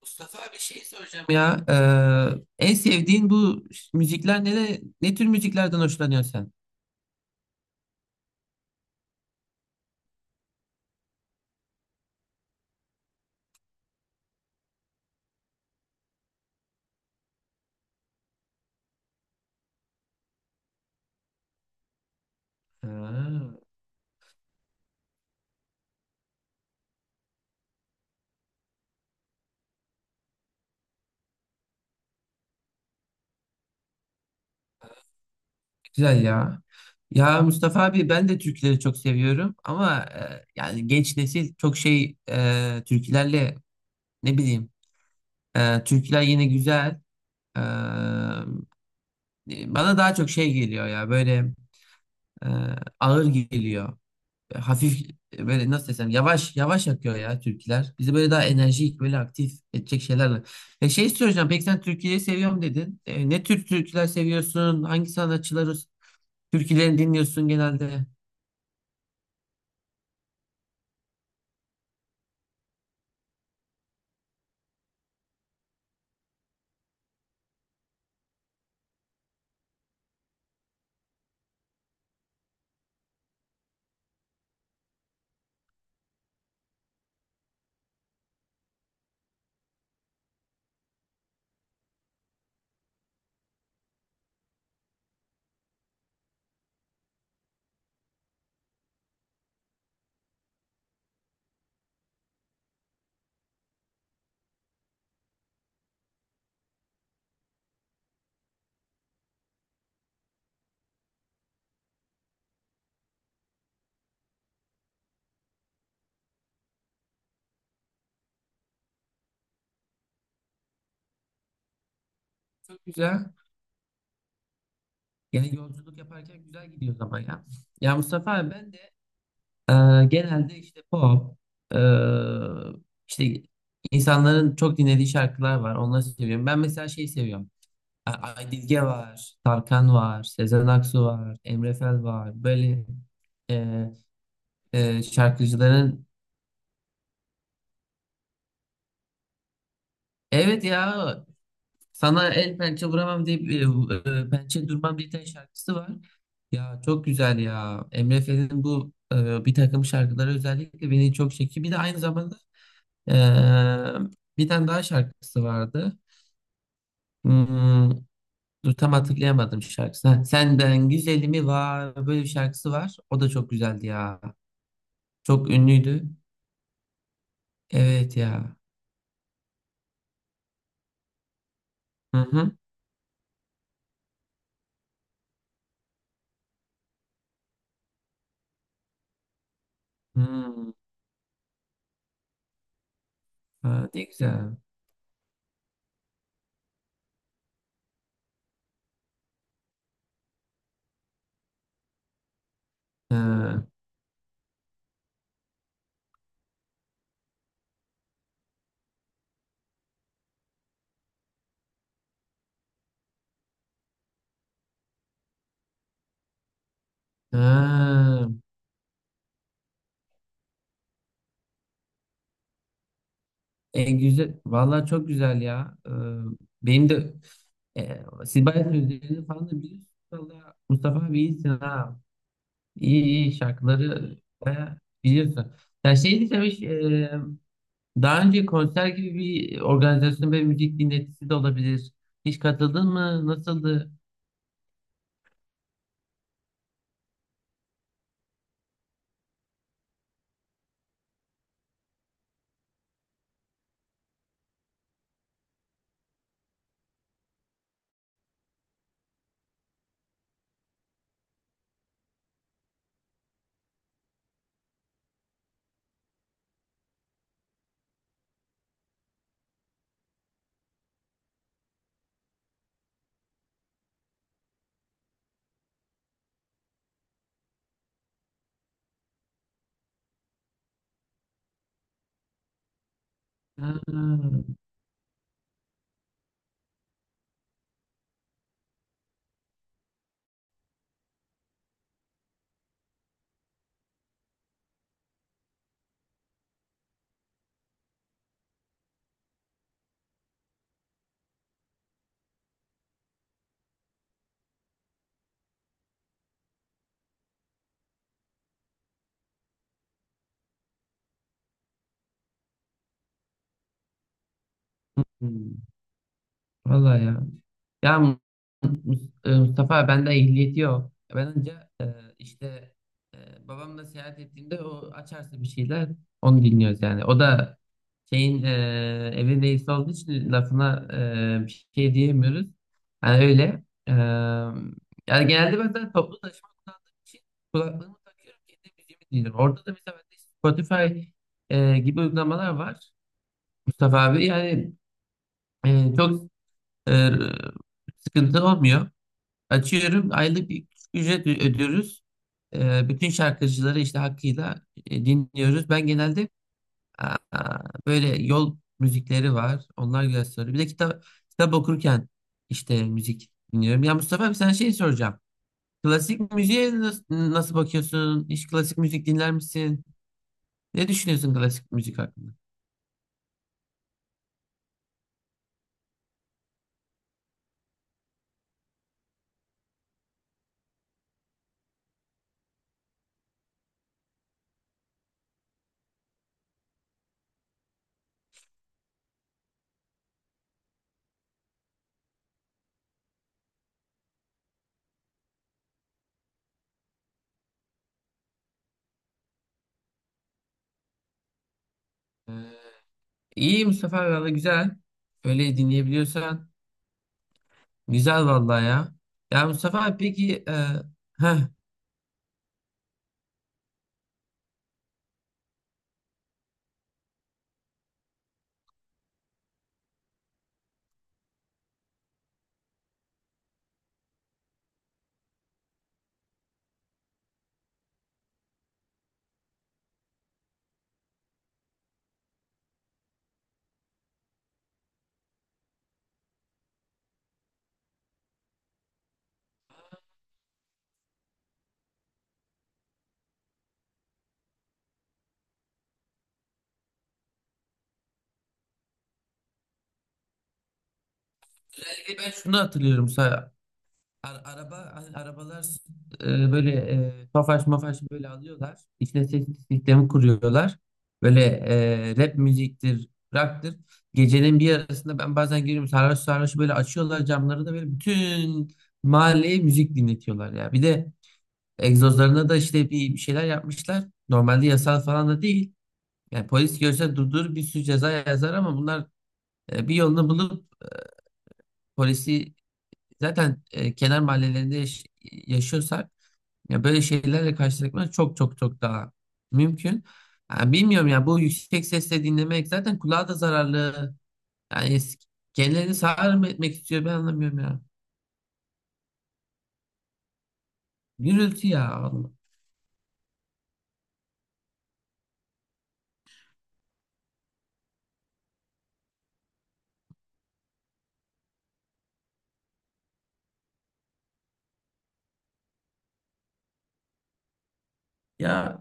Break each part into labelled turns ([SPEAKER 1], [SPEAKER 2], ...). [SPEAKER 1] Mustafa bir şey soracağım ya. En sevdiğin bu müzikler ne, ne tür müziklerden hoşlanıyorsun sen? Ha, güzel ya. Ya Mustafa abi ben de türküleri çok seviyorum ama yani genç nesil çok türkülerle ne bileyim, türküler yine güzel. E, Bana daha çok şey geliyor ya böyle, e, ağır geliyor. Hafif, böyle nasıl desem yavaş yavaş akıyor ya türküler. Bizi böyle daha enerjik böyle aktif edecek şeylerle. Şey soracağım, peki sen türküleri seviyorum dedin. Ne tür türküler seviyorsun? Hangi sanatçıları türkülerini dinliyorsun genelde? Çok güzel. Yani yolculuk yaparken güzel gidiyor zaman ya. Ya Mustafa abi ben de genelde işte pop, e, işte insanların çok dinlediği şarkılar var. Onları seviyorum. Ben mesela şeyi seviyorum. Aydilge var, Tarkan var, Sezen Aksu var, Emre Fel var. Böyle e, şarkıcıların evet ya, sana el pençe vuramam deyip pençe durmam bir tane şarkısı var. Ya çok güzel ya. Emre Fel'in bu bir takım şarkıları özellikle beni çok çekiyor. Bir de aynı zamanda e, bir tane daha şarkısı vardı. Hmm, dur tam hatırlayamadım şarkısını. Ha, Senden Güzelim'i var böyle bir şarkısı var. O da çok güzeldi ya. Çok ünlüydü. Evet ya. Hı hı. Hmm. Ha, ne güzel. Ha. Ha. Güzel. Vallahi çok güzel ya. Benim de, siz bayağı sözlerini falan da biliyorsunuz. Valla Mustafa abi iyisin ha. İyi iyi şarkıları bayağı biliyorsun. Ya şey diyeceğim, hiç, daha önce konser gibi bir organizasyon ve müzik dinletisi de olabilir. Hiç katıldın mı? Nasıldı? Ha. Hmm. Vallahi ya. Ya Mustafa, bende ehliyeti yok. Ben önce e, işte, babamla seyahat ettiğimde o açarsa bir şeyler onu dinliyoruz yani. O da evin reisi olduğu için lafına bir şey diyemiyoruz. Yani öyle. Yani genelde ben zaten toplu taşıma kullandığım için kulaklığımı takıyorum, kendi müziğimi dinliyorum. Orada da mesela bende işte Spotify gibi uygulamalar var Mustafa abi. Yani çok e, sıkıntı olmuyor. Açıyorum, aylık bir ücret ödüyoruz. Bütün şarkıcıları işte hakkıyla dinliyoruz. Ben genelde, aa, böyle yol müzikleri var. Onlar güzel söylüyor. Bir de kitap okurken işte müzik dinliyorum. Ya Mustafa abi sana şey soracağım. Klasik müziğe nasıl bakıyorsun? Hiç klasik müzik dinler misin? Ne düşünüyorsun klasik müzik hakkında? Ee, iyi Mustafa abi, valla güzel. Öyle dinleyebiliyorsan. Güzel vallahi ya. Ya Mustafa abi peki, heh, özellikle ben şunu hatırlıyorum. Araba, hani arabalar, böyle tofaş mafaş böyle alıyorlar. İşte ses sistemi kuruyorlar. Böyle rap müziktir, rock'tır. Gecenin bir yarısında ben bazen görüyorum, sarhoş sarhoş böyle açıyorlar camları da, böyle bütün mahalleye müzik dinletiyorlar ya. Bir de egzozlarına da işte bir şeyler yapmışlar. Normalde yasal falan da değil. Yani polis görse durdur, bir sürü ceza yazar, ama bunlar bir yolunu bulup polisi... Zaten kenar mahallelerinde yaşıyorsak ya böyle şeylerle karşılaşmak çok çok çok daha mümkün. Ha, bilmiyorum ya, bu yüksek sesle dinlemek zaten kulağa da zararlı. Yani kendilerini sağır mı etmek istiyor, ben anlamıyorum ya. Gürültü ya Allah. Ya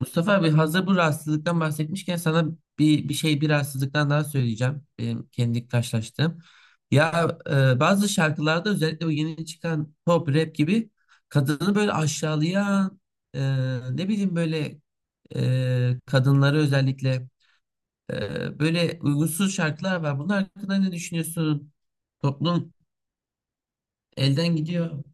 [SPEAKER 1] Mustafa abi, hazır bu rahatsızlıktan bahsetmişken sana bir şey, bir rahatsızlıktan daha söyleyeceğim. Benim kendi karşılaştığım. Ya bazı şarkılarda özellikle o yeni çıkan pop rap gibi, kadını böyle aşağılayan, e, ne bileyim böyle, kadınları özellikle böyle uygunsuz şarkılar var. Bunun hakkında ne düşünüyorsun? Toplum elden gidiyor.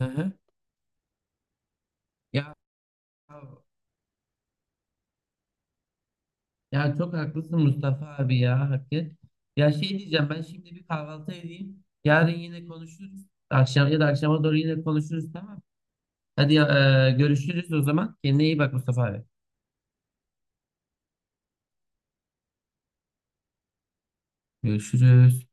[SPEAKER 1] Hı hı. Ya Ya çok haklısın Mustafa abi ya, hakikaten. Ya şey diyeceğim, ben şimdi bir kahvaltı edeyim. Yarın yine konuşuruz. Akşam ya da akşama doğru yine konuşuruz, tamam. Hadi ya, görüşürüz o zaman. Kendine iyi bak Mustafa abi. Görüşürüz.